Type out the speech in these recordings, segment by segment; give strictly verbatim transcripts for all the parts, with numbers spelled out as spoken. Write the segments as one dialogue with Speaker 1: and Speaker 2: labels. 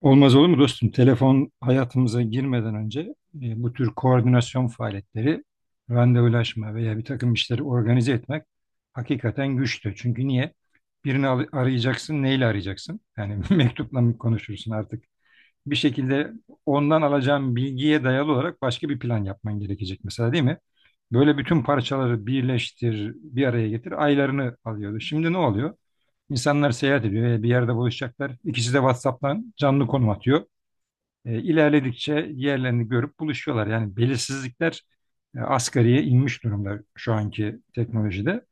Speaker 1: Olmaz olur mu dostum? Telefon hayatımıza girmeden önce e, bu tür koordinasyon faaliyetleri, randevulaşma veya bir takım işleri organize etmek hakikaten güçtü. Çünkü niye? Birini al- arayacaksın, neyle arayacaksın? Yani mektupla mı konuşursun artık? Bir şekilde ondan alacağın bilgiye dayalı olarak başka bir plan yapman gerekecek mesela değil mi? Böyle bütün parçaları birleştir, bir araya getir, aylarını alıyordu. Şimdi ne oluyor? İnsanlar seyahat ediyor, veya bir yerde buluşacaklar. İkisi de WhatsApp'tan canlı konum atıyor. E, ilerledikçe yerlerini görüp buluşuyorlar. Yani belirsizlikler e, asgariye inmiş durumda şu anki teknolojide.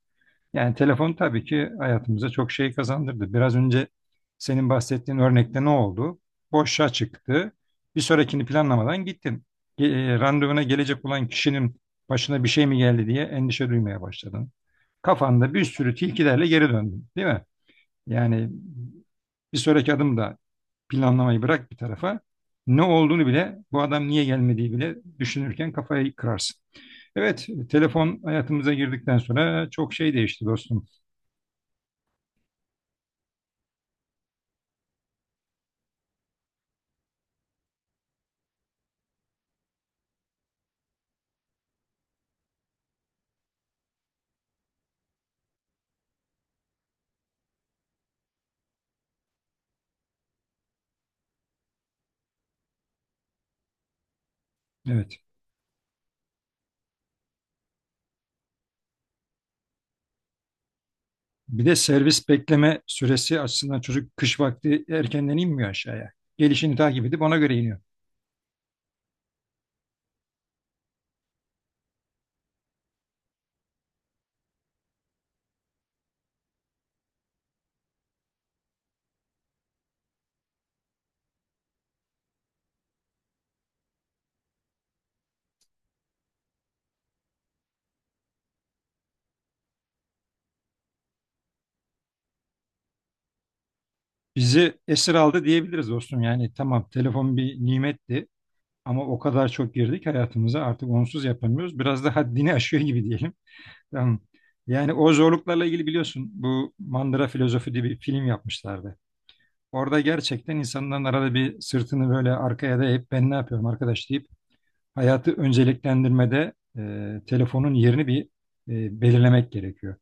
Speaker 1: Yani telefon tabii ki hayatımıza çok şey kazandırdı. Biraz önce senin bahsettiğin örnekte ne oldu? Boşa çıktı. Bir sonrakini planlamadan gittin. Ge- e, randevuna gelecek olan kişinin başına bir şey mi geldi diye endişe duymaya başladın. Kafanda bir sürü tilkilerle geri döndün, değil mi? Yani bir sonraki adım da planlamayı bırak bir tarafa. Ne olduğunu bile, bu adam niye gelmediği bile düşünürken kafayı kırarsın. Evet, telefon hayatımıza girdikten sonra çok şey değişti dostum. Evet. Bir de servis bekleme süresi açısından çocuk kış vakti erkenden inmiyor aşağıya. Gelişini takip edip ona göre iniyor. Bizi esir aldı diyebiliriz dostum. Yani tamam, telefon bir nimetti ama o kadar çok girdik hayatımıza artık onsuz yapamıyoruz. Biraz da haddini aşıyor gibi diyelim. Tamam. Yani o zorluklarla ilgili biliyorsun, bu Mandıra Filozofu diye bir film yapmışlardı. Orada gerçekten insanların arada bir sırtını böyle arkaya dayayıp ben ne yapıyorum arkadaş deyip hayatı önceliklendirmede e, telefonun yerini bir e, belirlemek gerekiyor.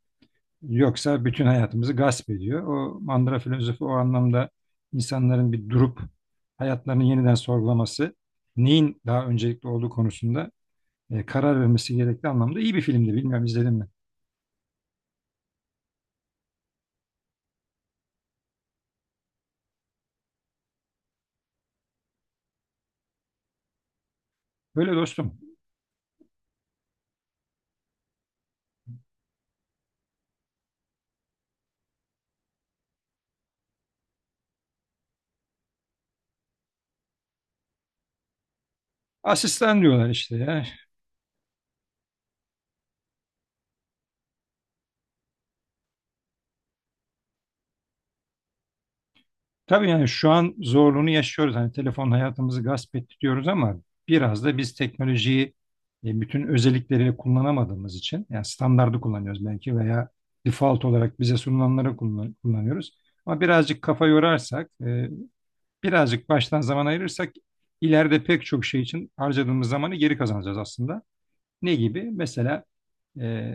Speaker 1: Yoksa bütün hayatımızı gasp ediyor. O Mandıra Filozofu o anlamda insanların bir durup hayatlarını yeniden sorgulaması, neyin daha öncelikli olduğu konusunda e, karar vermesi gerektiği anlamda iyi bir filmdi. Bilmiyorum, izledin mi? Böyle dostum. Asistan diyorlar işte ya. Tabii yani şu an zorluğunu yaşıyoruz. Hani telefon hayatımızı gasp etti diyoruz ama biraz da biz teknolojiyi e, bütün özellikleriyle kullanamadığımız için, yani standardı kullanıyoruz belki veya default olarak bize sunulanları kullan- kullanıyoruz. Ama birazcık kafa yorarsak, e, birazcık baştan zaman ayırırsak ileride pek çok şey için harcadığımız zamanı geri kazanacağız aslında. Ne gibi? Mesela e,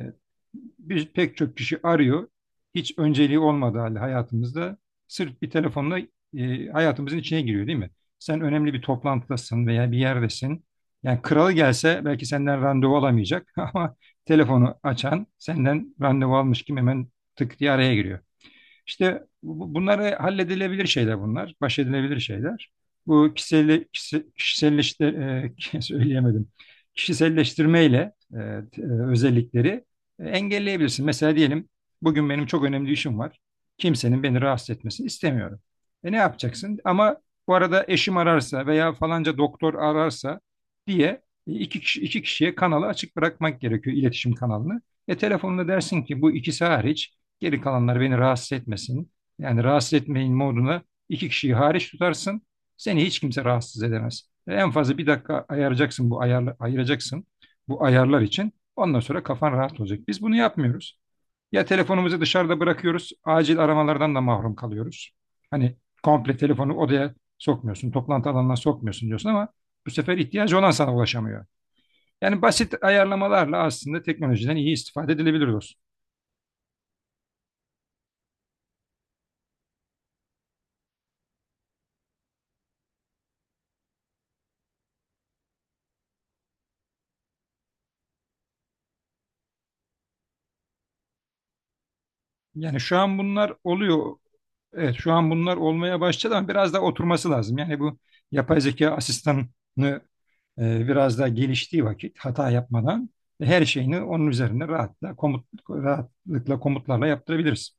Speaker 1: biz pek çok kişi arıyor. Hiç önceliği olmadığı halde hayatımızda sırf bir telefonla e, hayatımızın içine giriyor değil mi? Sen önemli bir toplantıdasın veya bir yerdesin. Yani kralı gelse belki senden randevu alamayacak ama telefonu açan senden randevu almış kim, hemen tık diye araya giriyor. İşte bu- bunları halledilebilir şeyler bunlar. Baş edilebilir şeyler. Bu kişisel, kişiselleştir, e, söyleyemedim. Kişiselleştirmeyle e, t- e, özellikleri e, engelleyebilirsin. Mesela diyelim bugün benim çok önemli işim var. Kimsenin beni rahatsız etmesini istemiyorum. E ne yapacaksın? Ama bu arada eşim ararsa veya falanca doktor ararsa diye e, iki kişi, iki kişiye kanalı açık bırakmak gerekiyor, iletişim kanalını. E telefonla dersin ki bu ikisi hariç geri kalanlar beni rahatsız etmesin. Yani rahatsız etmeyin moduna iki kişiyi hariç tutarsın. Seni hiç kimse rahatsız edemez. Ve en fazla bir dakika ayıracaksın bu ayarla, ayıracaksın bu ayarlar için. Ondan sonra kafan rahat olacak. Biz bunu yapmıyoruz. Ya telefonumuzu dışarıda bırakıyoruz, acil aramalardan da mahrum kalıyoruz. Hani komple telefonu odaya sokmuyorsun, toplantı alanına sokmuyorsun diyorsun ama bu sefer ihtiyacı olan sana ulaşamıyor. Yani basit ayarlamalarla aslında teknolojiden iyi istifade edilebilir dostum. Yani şu an bunlar oluyor. Evet, şu an bunlar olmaya başladı ama biraz daha oturması lazım. Yani bu yapay zeka asistanını e, biraz daha geliştiği vakit hata yapmadan her şeyini onun üzerine rahatla komut rahatlıkla komutlarla yaptırabiliriz.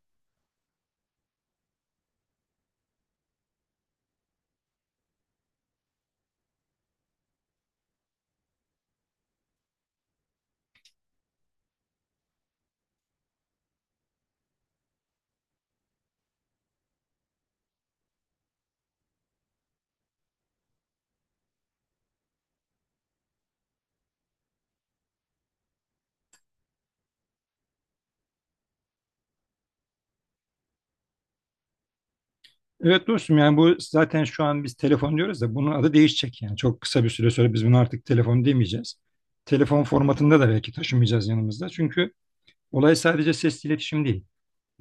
Speaker 1: Evet dostum, yani bu zaten şu an biz telefon diyoruz da bunun adı değişecek. Yani çok kısa bir süre sonra biz bunu artık telefon demeyeceğiz. Telefon formatında da belki taşımayacağız yanımızda. Çünkü olay sadece sesli iletişim değil.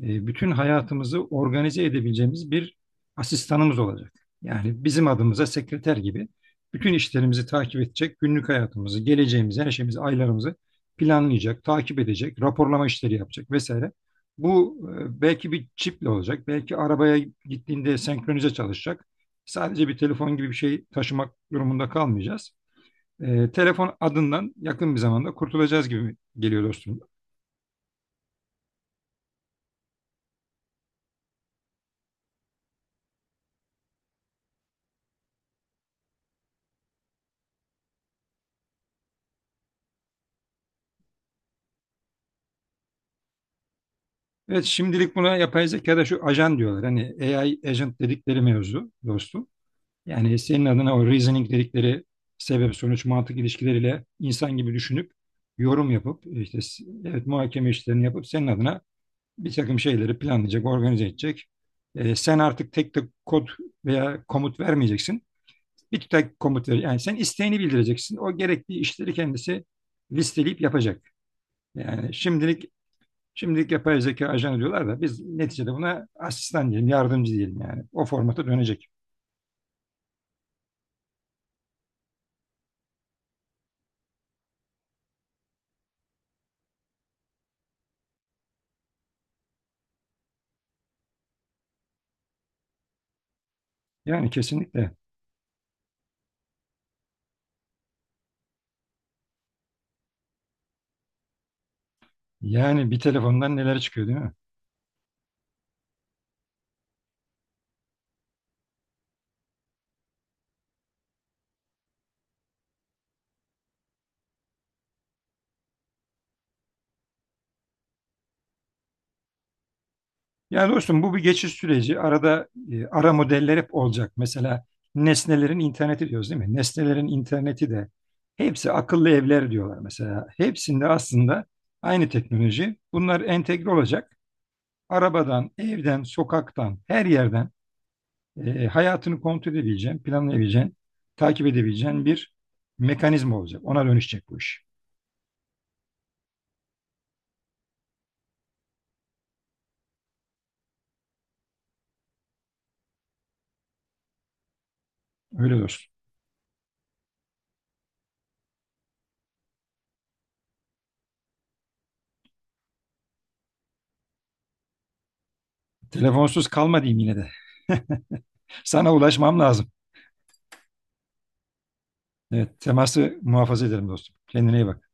Speaker 1: e, Bütün hayatımızı organize edebileceğimiz bir asistanımız olacak. Yani bizim adımıza sekreter gibi bütün işlerimizi takip edecek, günlük hayatımızı, geleceğimizi, her şeyimizi, aylarımızı planlayacak, takip edecek, raporlama işleri yapacak vesaire. Bu e, belki bir çiple olacak, belki arabaya gittiğinde senkronize çalışacak. Sadece bir telefon gibi bir şey taşımak durumunda kalmayacağız. E, telefon adından yakın bir zamanda kurtulacağız gibi geliyor dostum. Evet, şimdilik buna yapay zekada şu ajan diyorlar. Hani A I agent dedikleri mevzu dostum. Yani senin adına o reasoning dedikleri sebep sonuç mantık ilişkileriyle insan gibi düşünüp yorum yapıp işte s- evet, muhakeme işlerini yapıp senin adına bir takım şeyleri planlayacak, organize edecek. Ee, sen artık tek tek kod veya komut vermeyeceksin. Bir tek komut ver. Yani sen isteğini bildireceksin. O gerekli işleri kendisi listeleyip yapacak. Yani şimdilik Şimdilik yapay zeka ajanı diyorlar da biz neticede buna asistan diyelim, yardımcı diyelim yani. O formata dönecek. Yani kesinlikle. Yani bir telefondan neler çıkıyor değil mi? Yani dostum, bu bir geçiş süreci. Arada e, ara modeller hep olacak. Mesela nesnelerin interneti diyoruz değil mi? Nesnelerin interneti de hepsi akıllı evler diyorlar mesela. Hepsinde aslında aynı teknoloji. Bunlar entegre olacak. Arabadan, evden, sokaktan, her yerden e, e, hayatını kontrol edebileceğin, planlayabileceğin, takip edebileceğin bir mekanizma olacak. Ona dönüşecek bu iş. Öyle dostum. Telefonsuz kalma diyeyim yine de. Sana ulaşmam lazım. Evet, teması muhafaza ederim dostum. Kendine iyi bak.